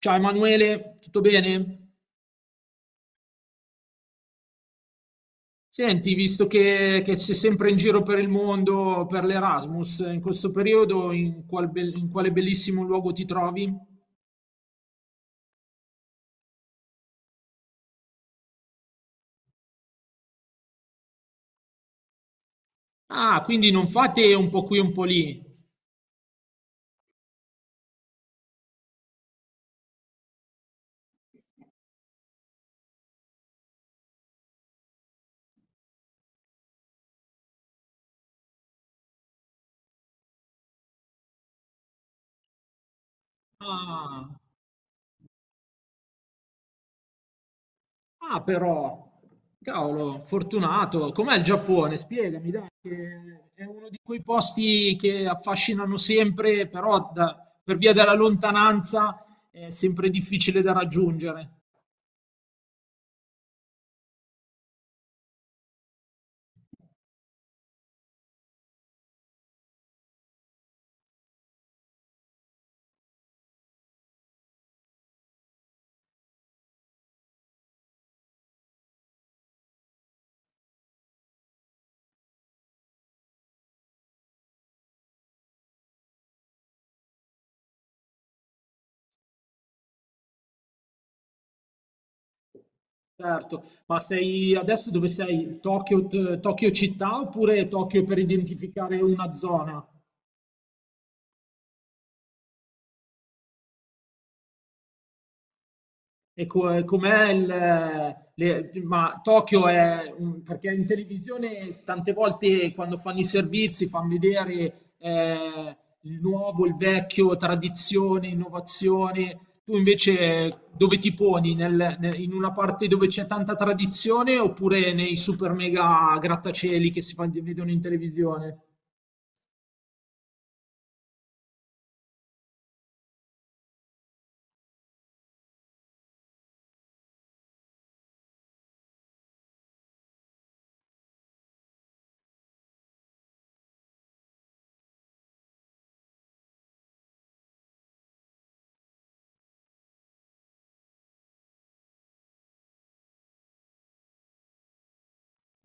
Ciao Emanuele, tutto bene? Senti, visto che sei sempre in giro per il mondo, per l'Erasmus, in questo periodo in quale bellissimo luogo ti trovi? Ah, quindi non fate un po' qui, un po' lì. Ah, ah, però, cavolo, fortunato. Com'è il Giappone? Spiegami, dai, che è uno di quei posti che affascinano sempre, però per via della lontananza è sempre difficile da raggiungere. Certo, ma sei adesso dove sei? Tokyo, Tokyo città oppure Tokyo per identificare una zona? E com'è il. Ma Tokyo è. Perché in televisione tante volte quando fanno i servizi fanno vedere il nuovo, il vecchio, tradizione, innovazione. Tu invece dove ti poni? In una parte dove c'è tanta tradizione oppure nei super mega grattacieli che si vedono in televisione?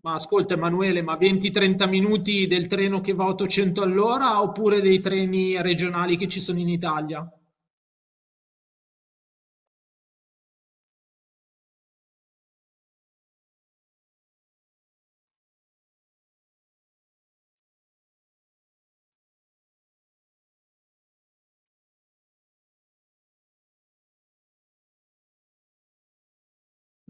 Ma ascolta Emanuele, ma 20-30 minuti del treno che va a 800 all'ora oppure dei treni regionali che ci sono in Italia?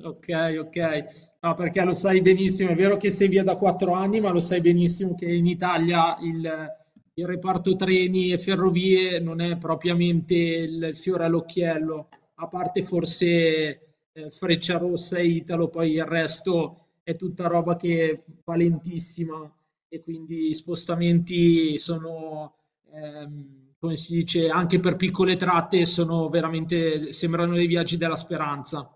Ok, ok. No, perché lo sai benissimo, è vero che sei via da 4 anni, ma lo sai benissimo che in Italia il reparto treni e ferrovie non è propriamente il fiore all'occhiello, a parte forse Frecciarossa e Italo, poi il resto è tutta roba che è valentissima e quindi i spostamenti sono, come si dice, anche per piccole tratte sono veramente, sembrano dei viaggi della speranza.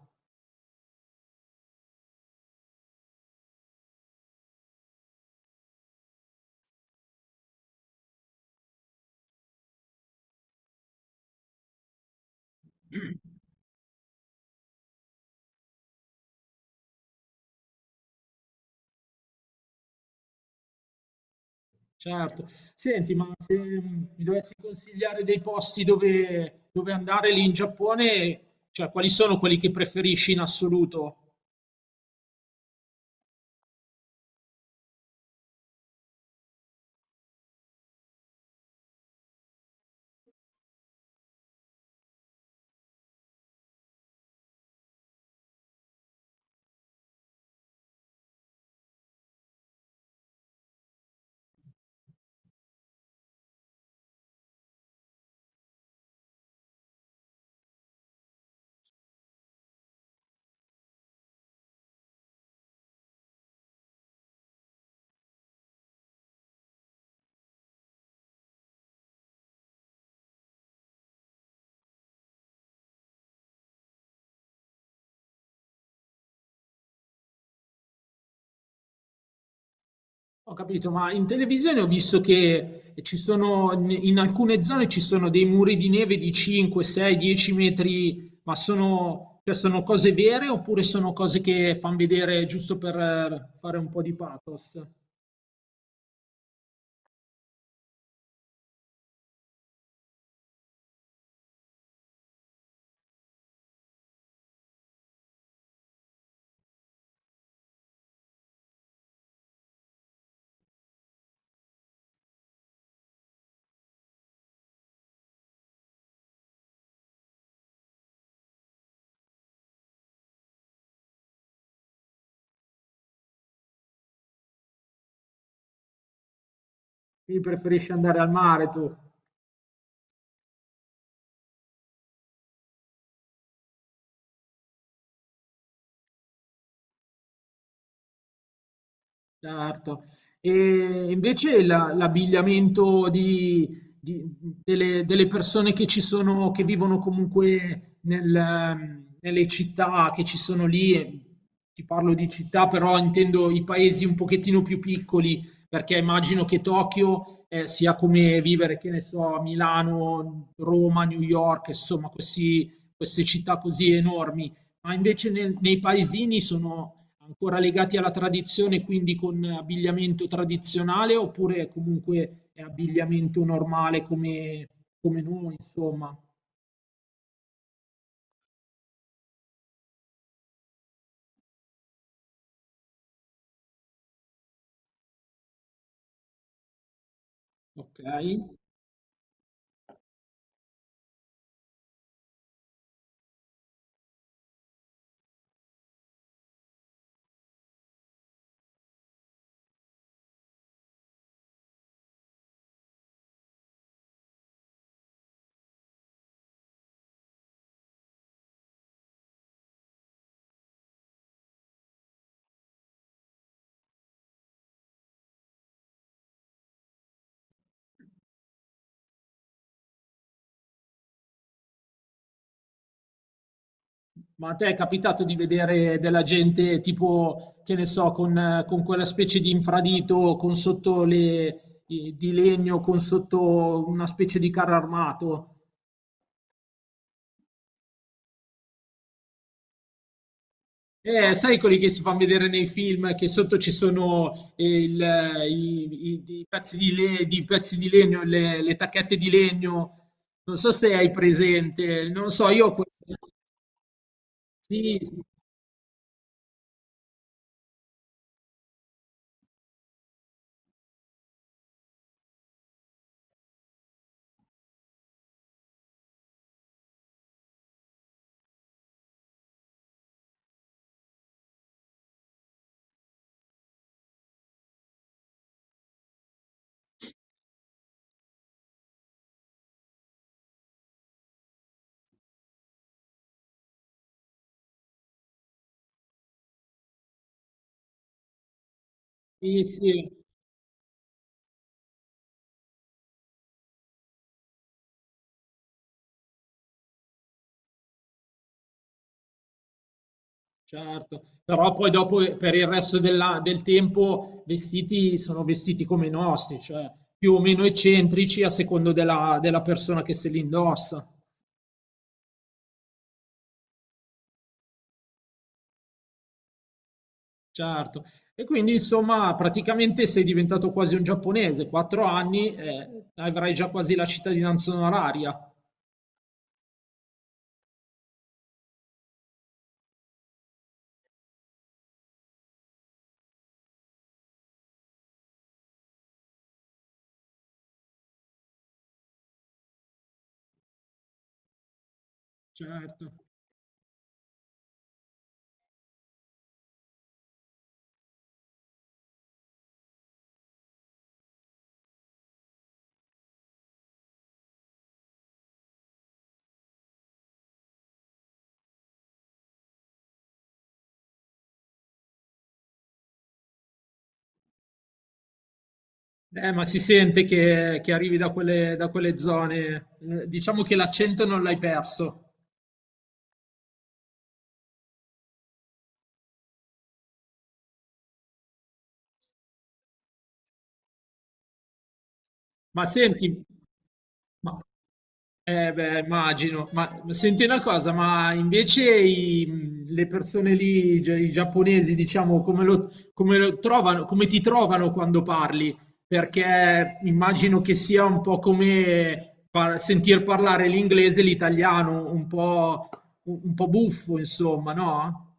Certo. Senti, ma se mi dovessi consigliare dei posti dove, dove andare lì in Giappone, cioè quali sono quelli che preferisci in assoluto? Ho capito, ma in televisione ho visto che ci sono, in alcune zone ci sono dei muri di neve di 5, 6, 10 metri, ma sono, cioè sono cose vere oppure sono cose che fanno vedere giusto per fare un po' di pathos? Quindi preferisci andare al mare tu? Certo. E invece l'abbigliamento di- delle persone che ci sono, che vivono comunque nelle città che ci sono lì, e ti parlo di città, però intendo i paesi un pochettino più piccoli, perché immagino che Tokyo, sia come vivere, che ne so, a Milano, Roma, New York, insomma, queste città così enormi, ma invece nei paesini sono ancora legati alla tradizione, quindi con abbigliamento tradizionale, oppure comunque è abbigliamento normale come, come noi, insomma. Ok. Ma a te è capitato di vedere della gente tipo, che ne so, con quella specie di infradito con sotto le, di legno, con sotto una specie di carro armato? Sai quelli che si fanno vedere nei film che sotto ci sono i pezzi di pezzi di legno, le tacchette di legno. Non so se hai presente, non so, io ho questo. Sì, sì, sì, certo. Però poi dopo per il resto del tempo vestiti sono vestiti come i nostri, cioè più o meno eccentrici a secondo della, della persona che se li indossa. Certo. E quindi insomma praticamente sei diventato quasi un giapponese, 4 anni e avrai già quasi la cittadinanza onoraria. Certo. Ma si sente che arrivi da quelle zone. Diciamo che l'accento non l'hai perso. Ma senti, ma eh beh, immagino, ma senti una cosa, ma invece le persone lì, i giapponesi, diciamo, come lo, trovano, come ti trovano quando parli? Perché immagino che sia un po' come sentir parlare l'inglese e l'italiano, un po' buffo, insomma, no?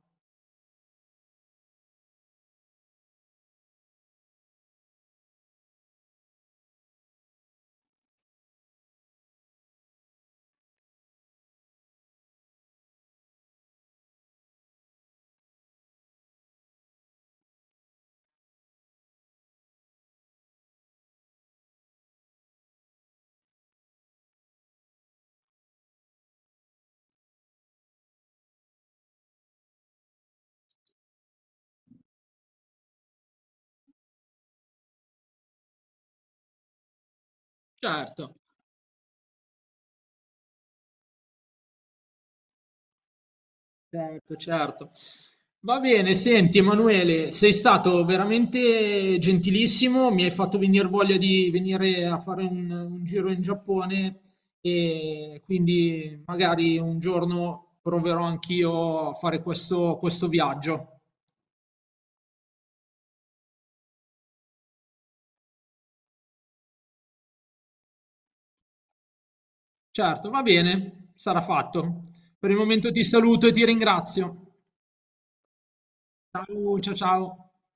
Certo. Certo, certo. Va bene, senti Emanuele, sei stato veramente gentilissimo, mi hai fatto venire voglia di venire a fare un giro in Giappone e quindi magari un giorno proverò anch'io a fare questo viaggio. Certo, va bene, sarà fatto. Per il momento ti saluto e ti ringrazio. Ciao, ciao, ciao.